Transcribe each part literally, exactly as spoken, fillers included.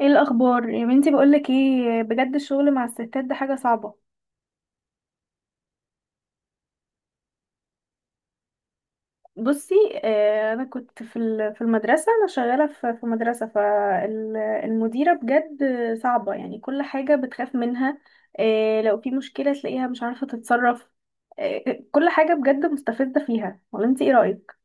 ايه الاخبار يا بنتي؟ بقولك ايه، بجد الشغل مع الستات ده حاجه صعبه. بصي، آه، انا كنت في ال- في المدرسه، انا شغاله في في مدرسه، فالمديره بجد صعبه، يعني كل حاجه بتخاف منها. آه، لو في مشكله تلاقيها مش عارفه تتصرف. آه، كل حاجه بجد مستفزه فيها، ولا انت ايه رايك؟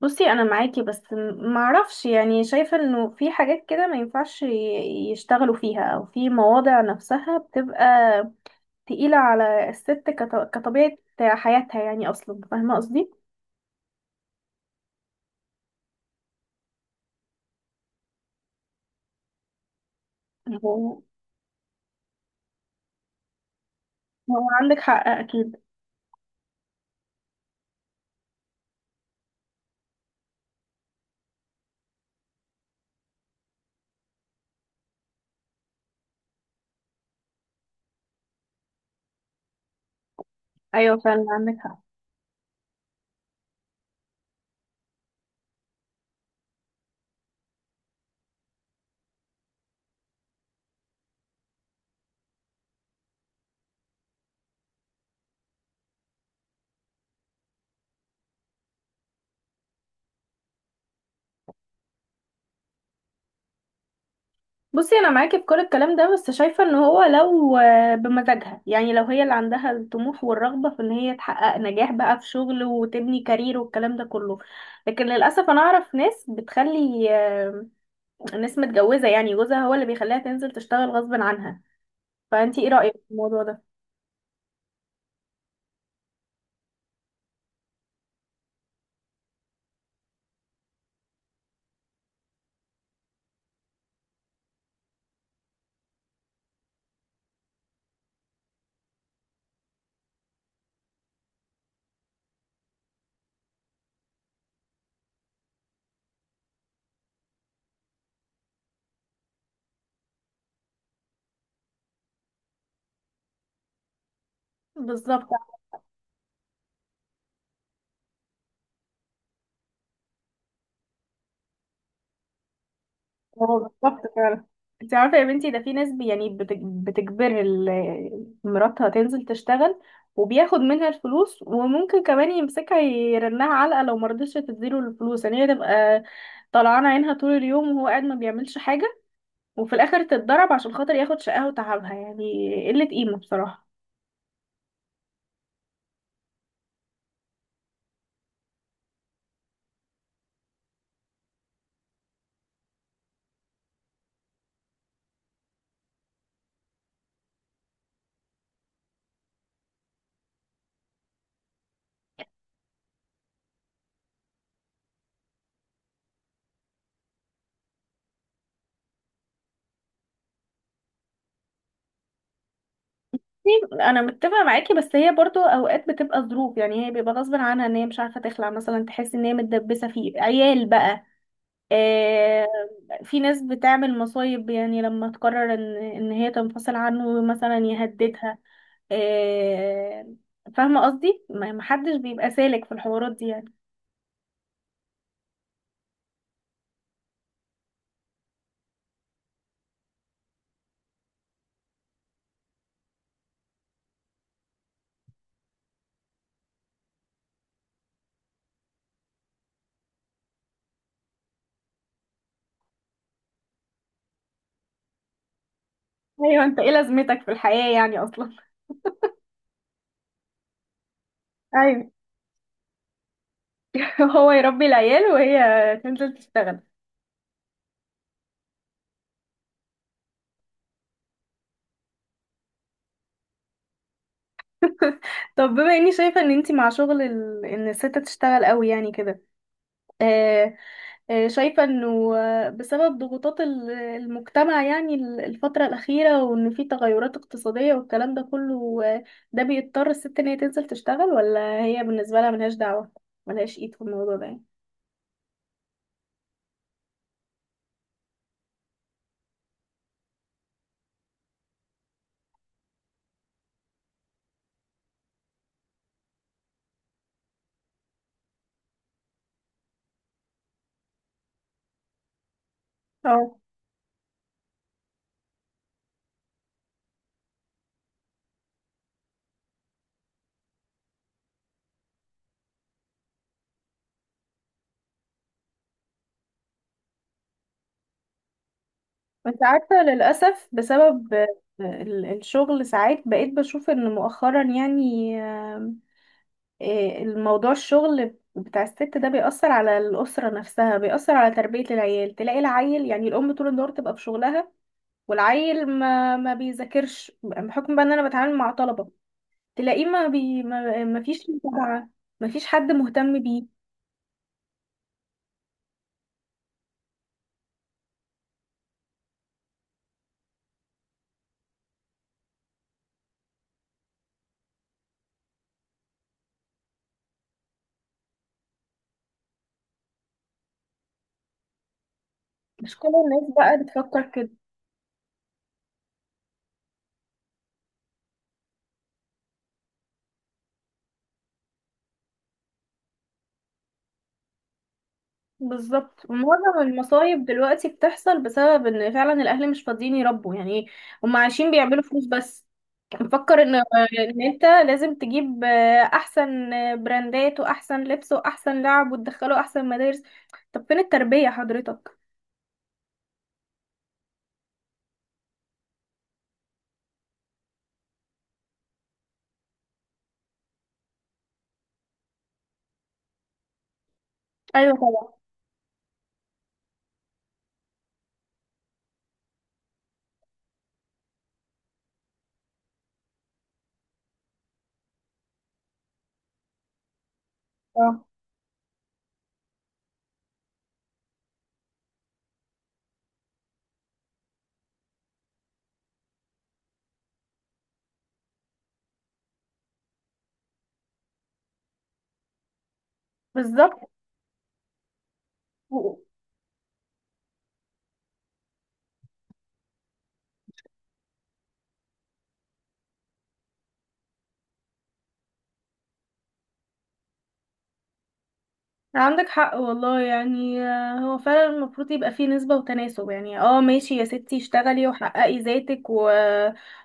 بصي، انا معاكي بس م- معرفش، يعني شايفه انه في حاجات كده ما ينفعش ي- يشتغلوا فيها، او في مواضع نفسها بتبقى تقيلة على الست كط- كطبيعة حياتها، يعني أصلا فاهمة قصدي؟ هو هو عندك حق أكيد. أيوة فعلا عندك حق. بصي، أنا معاكي في كل الكلام ده، بس شايفة إن هو لو آه، بمزاجها، يعني لو هي اللي عندها الطموح والرغبة في إن هي تحقق نجاح بقى في شغل، وتبني كارير والكلام ده كله. لكن للأسف أنا أعرف ناس بتخلي، آه، ناس متجوزة، يعني جوزها هو اللي بيخليها تنزل تشتغل غصب عنها. فأنتي إيه رأيك في الموضوع ده؟ بالظبط. هو بالظبط فعلا. انت عارفه يا بنتي، ده في ناس بي- يعني بتج- بتجبر ال- مراتها تنزل تشتغل، وبياخد منها الفلوس، وممكن كمان يمسكها يرنها علقه لو مرضتش تديله الفلوس، يعني هي تبقى طلعانه عينها طول اليوم وهو قاعد ما بيعملش حاجه. وفي الاخر تتضرب عشان خاطر ياخد شقاها وتعبها، يعني قله قيمه بصراحه. انا متفقه معاكي، بس هي برضو اوقات بتبقى ظروف، يعني هي بيبقى غصب عنها ان هي مش عارفه تخلع مثلا، تحس ان هي متدبسه فيه عيال بقى. آه، في ناس بتعمل مصايب، يعني لما تقرر ان ان هي تنفصل عنه مثلا يهددها. آه، فاهمة قصدي؟ ما- محدش بيبقى سالك في الحوارات دي يعني. ايوه، انت ايه لازمتك في الحياة يعني اصلا؟ ايوه. هو يربي العيال وهي تنزل تشتغل. طب بما اني شايفه ان انتي مع شغل ال... ان الست تشتغل قوي يعني كده. آه، آه، شايفة انه آه، بسبب ضغوطات ال- المجتمع، يعني ال- الفترة الأخيرة، وان في تغيرات اقتصادية والكلام ده كله. آه، ده بيضطر الست ان هي تنزل تشتغل، ولا هي بالنسبة لها ملهاش دعوة، ملهاش ايد في الموضوع ده يعني. اه. انت عارفة للأسف، بسبب آه، ال- الشغل ساعات بقيت بشوف ان مؤخرا يعني. آه، آه، الموضوع، الشغل بتاع الست ده بيأثر على الأسرة نفسها، بيأثر على تربية العيال، تلاقي العيل، يعني الأم طول النهار تبقى في شغلها. والعيل ما ما بيذاكرش بحكم بقى ان انا بتعامل مع طلبة. تلاقيه ما بي ما, ما فيش متابعة. ما فيش حد مهتم بيه. مش كل الناس بقى بتفكر كده. بالظبط. ومعظم المصايب دلوقتي بتحصل بسبب ان فعلا الاهل مش فاضيين يربوا يعني. هم عايشين بيعملوا فلوس بس. مفكر ان ان انت لازم تجيب احسن براندات، واحسن لبس، واحسن لعب، وتدخله احسن مدارس. طب فين التربية حضرتك؟ ايوه طبعا. اه. بالظبط، عندك حق والله. يعني آه، هو فعلا المفروض يبقى فيه نسبة وتناسب، يعني اه ماشي يا ستي، اشتغلي وحققي ذاتك و...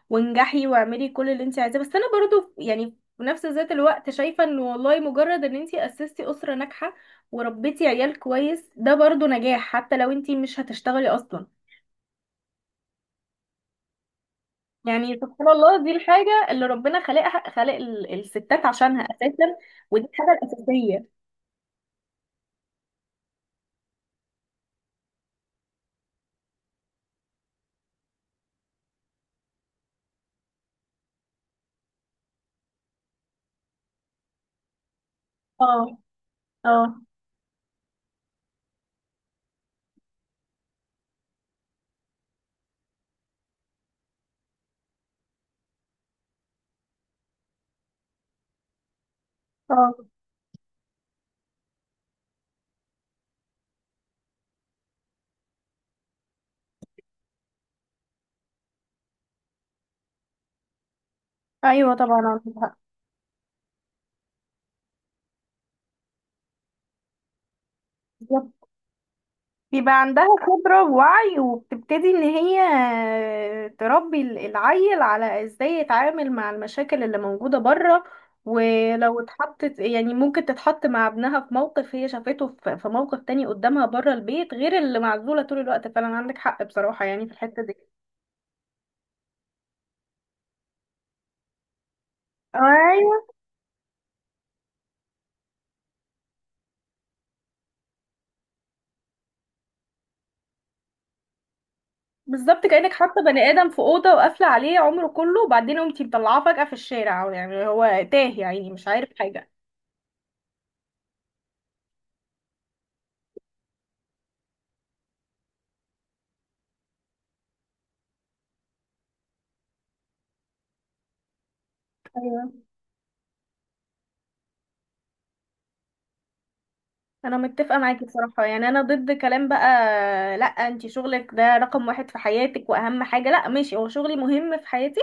وانجحي واعملي كل اللي انت عايزاه، بس انا برضو يعني في نفس ذات الوقت شايفة ان والله مجرد ان انت اسستي اسرة ناجحة وربيتي عيال كويس ده برضو نجاح، حتى لو انت مش هتشتغلي اصلا. يعني سبحان الله، دي الحاجة اللي ربنا خلقها، خلق ال- الستات عشانها اساسا. ودي الحاجة الاساسية. اه. اه. اه. ايوه طبعا عندك حق. بيبقى عندها خبرة ووعي، وبتبتدي ان هي تربي ال- العيل على ازاي يتعامل مع المشاكل اللي موجودة بره. ولو اتحطت، يعني ممكن تتحط مع ابنها في موقف هي شافته في في موقف تاني قدامها بره البيت، غير اللي معزولة طول الوقت. فعلا عندك حق بصراحة يعني في الحتة دي. ايوه بالظبط. كأنك حاطة بني آدم في أوضة وقافلة عليه عمره كله، وبعدين قمتي مطلعاه فجأة في الشارع، يعني هو تاه، يعني مش عارف حاجة. انا متفقه معاكي بصراحه، يعني انا ضد كلام بقى. لا، انت شغلك ده رقم واحد في حياتك واهم حاجه؟ لا ماشي، هو شغلي مهم في حياتي.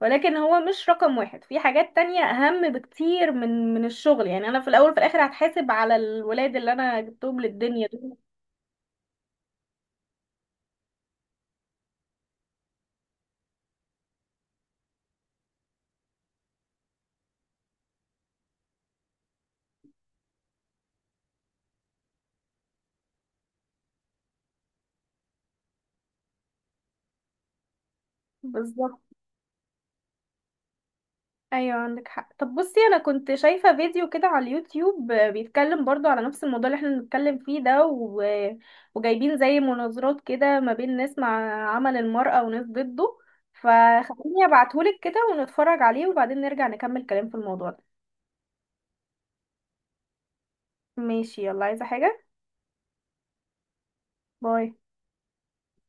ولكن هو مش رقم واحد، في حاجات تانية اهم بكتير من من الشغل، يعني انا في الاول وفي الاخر هتحاسب على الولاد اللي انا جبتهم للدنيا دول. بالظبط. ايوه عندك حق. طب بصي، انا كنت شايفه فيديو كده على اليوتيوب، آه، بيتكلم برضو على نفس الموضوع اللي احنا بنتكلم فيه ده و... وجايبين زي مناظرات كده ما بين ناس مع عمل المرأة وناس ضده. فخليني ابعتهولك كده ونتفرج عليه، وبعدين نرجع نكمل كلام في الموضوع ده. ماشي، يلا عايزه حاجه؟ باي.